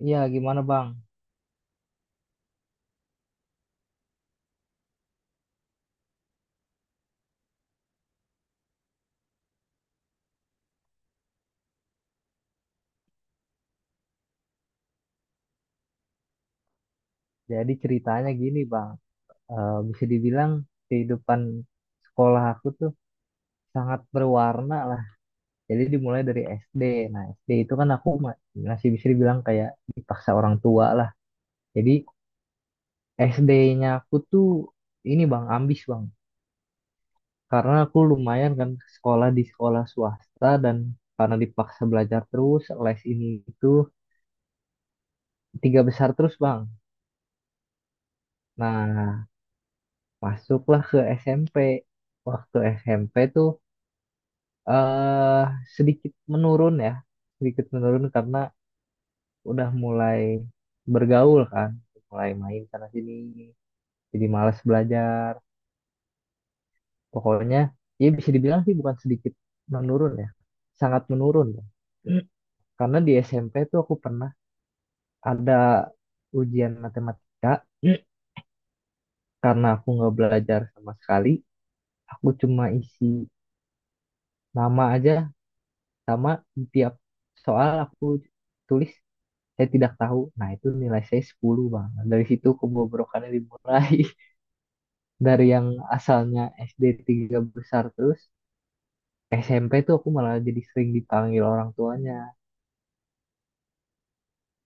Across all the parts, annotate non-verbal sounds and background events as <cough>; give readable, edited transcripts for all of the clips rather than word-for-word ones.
Iya, gimana Bang? Jadi ceritanya gini Bang. Bisa dibilang kehidupan sekolah aku tuh sangat berwarna lah. Jadi dimulai dari SD. Nah, SD itu kan aku masih bisa dibilang kayak dipaksa orang tua lah. Jadi SD-nya aku tuh ini Bang, ambis Bang. Karena aku lumayan kan sekolah di sekolah swasta dan karena dipaksa belajar terus, les ini itu tiga besar terus Bang. Nah, masuklah ke SMP. Waktu SMP tuh eh sedikit menurun ya, sedikit menurun karena udah mulai bergaul kan, mulai main sana sini, jadi malas belajar. Pokoknya, ya bisa dibilang sih bukan sedikit menurun ya, sangat menurun, ya. <clears throat> Karena di SMP tuh aku pernah ada ujian matematika, <clears throat> karena aku nggak belajar sama sekali, aku cuma isi nama aja sama di tiap soal aku tulis saya tidak tahu. Nah, itu nilai saya 10 Bang. Dari situ kebobrokannya dimulai. <laughs> Dari yang asalnya SD tiga besar terus, SMP tuh aku malah jadi sering dipanggil orang tuanya.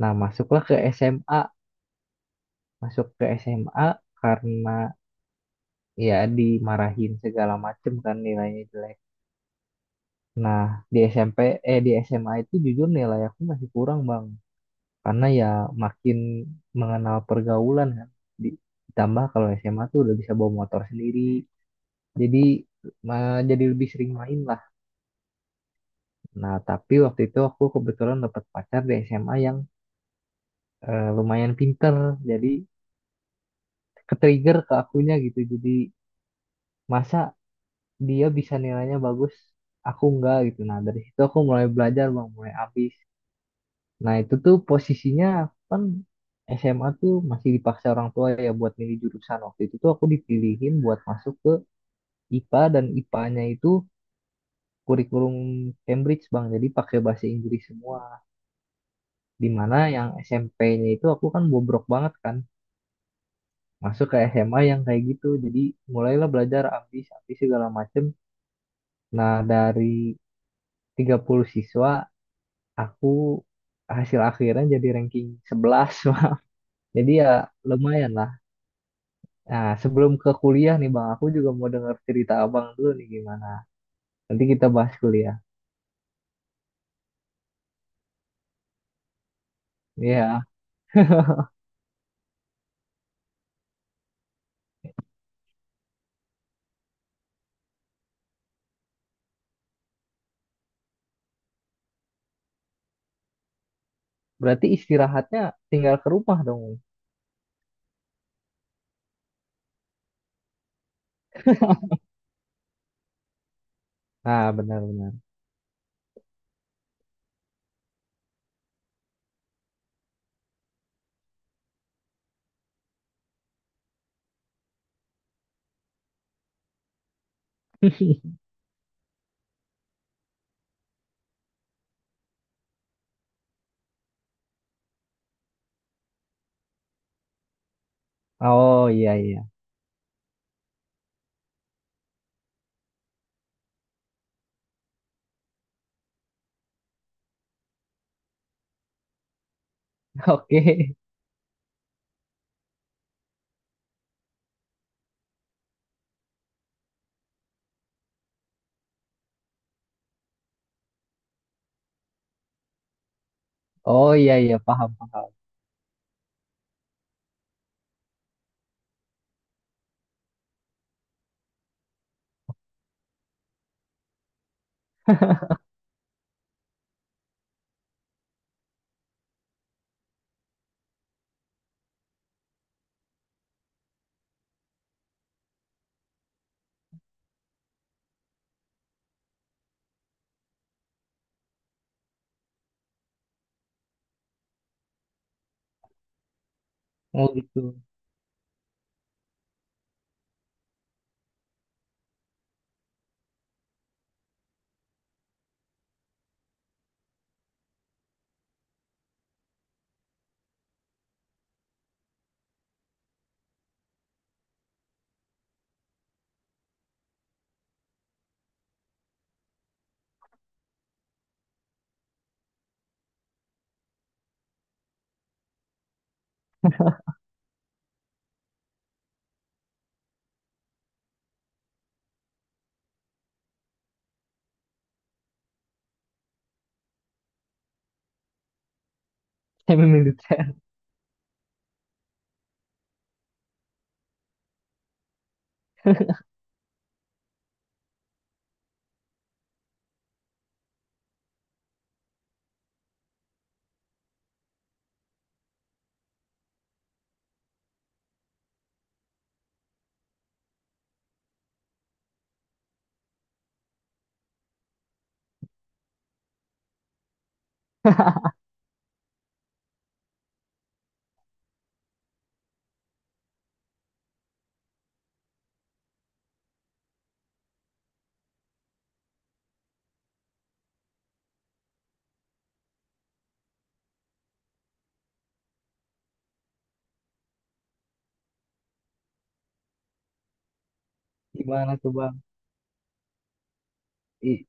Nah, masuklah ke SMA. Masuk ke SMA karena ya dimarahin segala macem kan nilainya jelek. Nah, di SMP, eh di SMA itu jujur nilai aku masih kurang, Bang. Karena ya makin mengenal pergaulan kan. Di- Ditambah kalau SMA tuh udah bisa bawa motor sendiri, jadi jadi lebih sering main lah. Nah, tapi waktu itu aku kebetulan dapat pacar di SMA yang lumayan pinter, jadi ke-trigger ke akunya gitu. Jadi masa dia bisa nilainya bagus, aku enggak gitu. Nah, dari situ aku mulai belajar bang, mulai habis. Nah, itu tuh posisinya kan SMA tuh masih dipaksa orang tua ya buat milih jurusan. Waktu itu tuh aku dipilihin buat masuk ke IPA dan IPA-nya itu kurikulum Cambridge bang, jadi pakai bahasa Inggris semua. Di mana yang SMP-nya itu aku kan bobrok banget kan masuk ke SMA yang kayak gitu jadi mulailah belajar ambis ambis segala macem. Nah, dari 30 siswa aku hasil akhirnya jadi ranking 11. <laughs> Wah. Jadi ya lumayan lah. Nah, sebelum ke kuliah nih bang aku juga mau dengar cerita abang dulu nih gimana, nanti kita bahas kuliah. Iya, berarti istirahatnya tinggal ke rumah dong. Nah, benar-benar. Oh iya iya. <laughs> Oke. Oh iya iya paham paham. Oh gitu. Saya militer. <laughs> Gimana tuh Bang? I-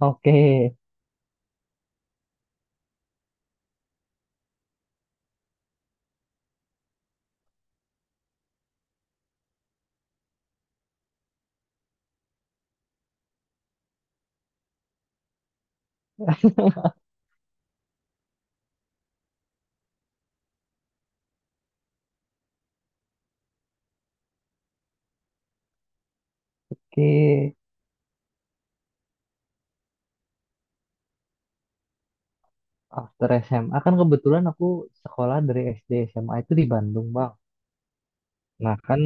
Oke, oke. After SMA kan kebetulan aku sekolah dari SD SMA itu di Bandung Bang. Nah kan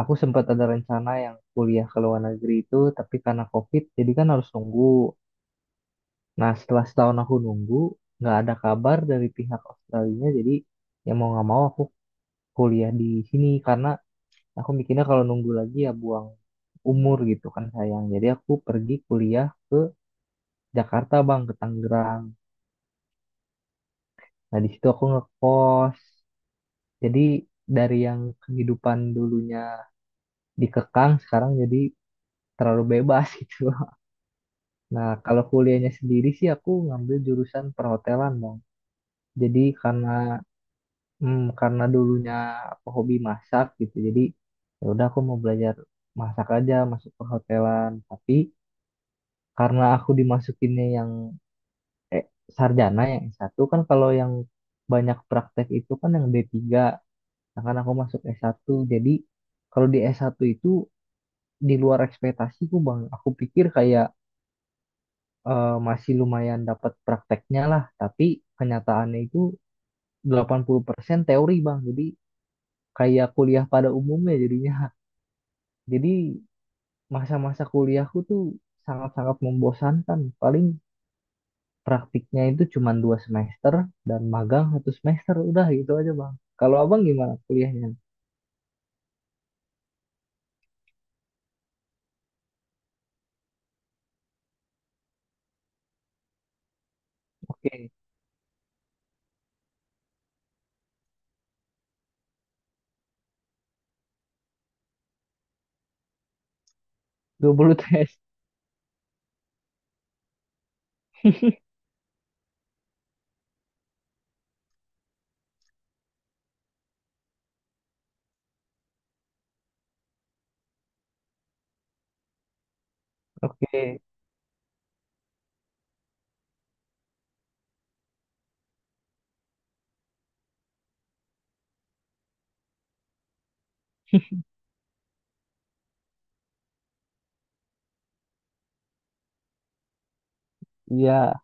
aku sempat ada rencana yang kuliah ke luar negeri itu, tapi karena COVID jadi kan harus nunggu. Nah setelah setahun aku nunggu, nggak ada kabar dari pihak Australia, jadi ya mau nggak mau aku kuliah di sini karena aku mikirnya kalau nunggu lagi ya buang umur gitu kan sayang. Jadi aku pergi kuliah Jakarta bang ke Tangerang. Nah di situ aku ngekos. Jadi dari yang kehidupan dulunya dikekang sekarang jadi terlalu bebas <laughs> gitu. Nah kalau kuliahnya sendiri sih aku ngambil jurusan perhotelan bang. Jadi karena karena dulunya aku hobi masak gitu. Jadi ya udah aku mau belajar masak aja masuk perhotelan. Tapi karena aku dimasukinnya yang eh, sarjana yang S1 kan kalau yang banyak praktek itu kan yang D3. Akan aku masuk S1. Jadi kalau di S1 itu di luar ekspektasiku Bang. Aku pikir kayak masih lumayan dapat prakteknya lah, tapi kenyataannya itu 80% teori Bang. Jadi kayak kuliah pada umumnya jadinya. <laughs> Jadi masa-masa kuliahku tuh sangat-sangat membosankan. Paling praktiknya itu cuma 2 semester dan magang 1 semester udah gitu aja Bang. Kalau Abang gimana kuliahnya? Oke, 20 <laughs> tes. Oke. Iya,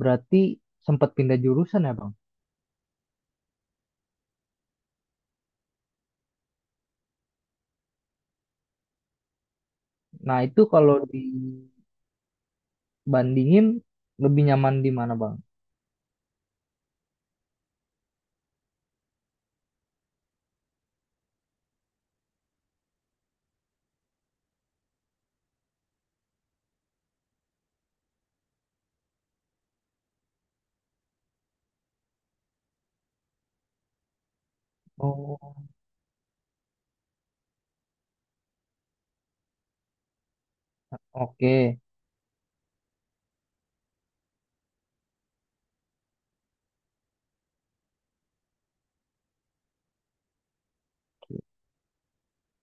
berarti sempat pindah jurusan ya, Bang? Nah, itu kalau dibandingin lebih nyaman di mana, Bang? Oh, oke.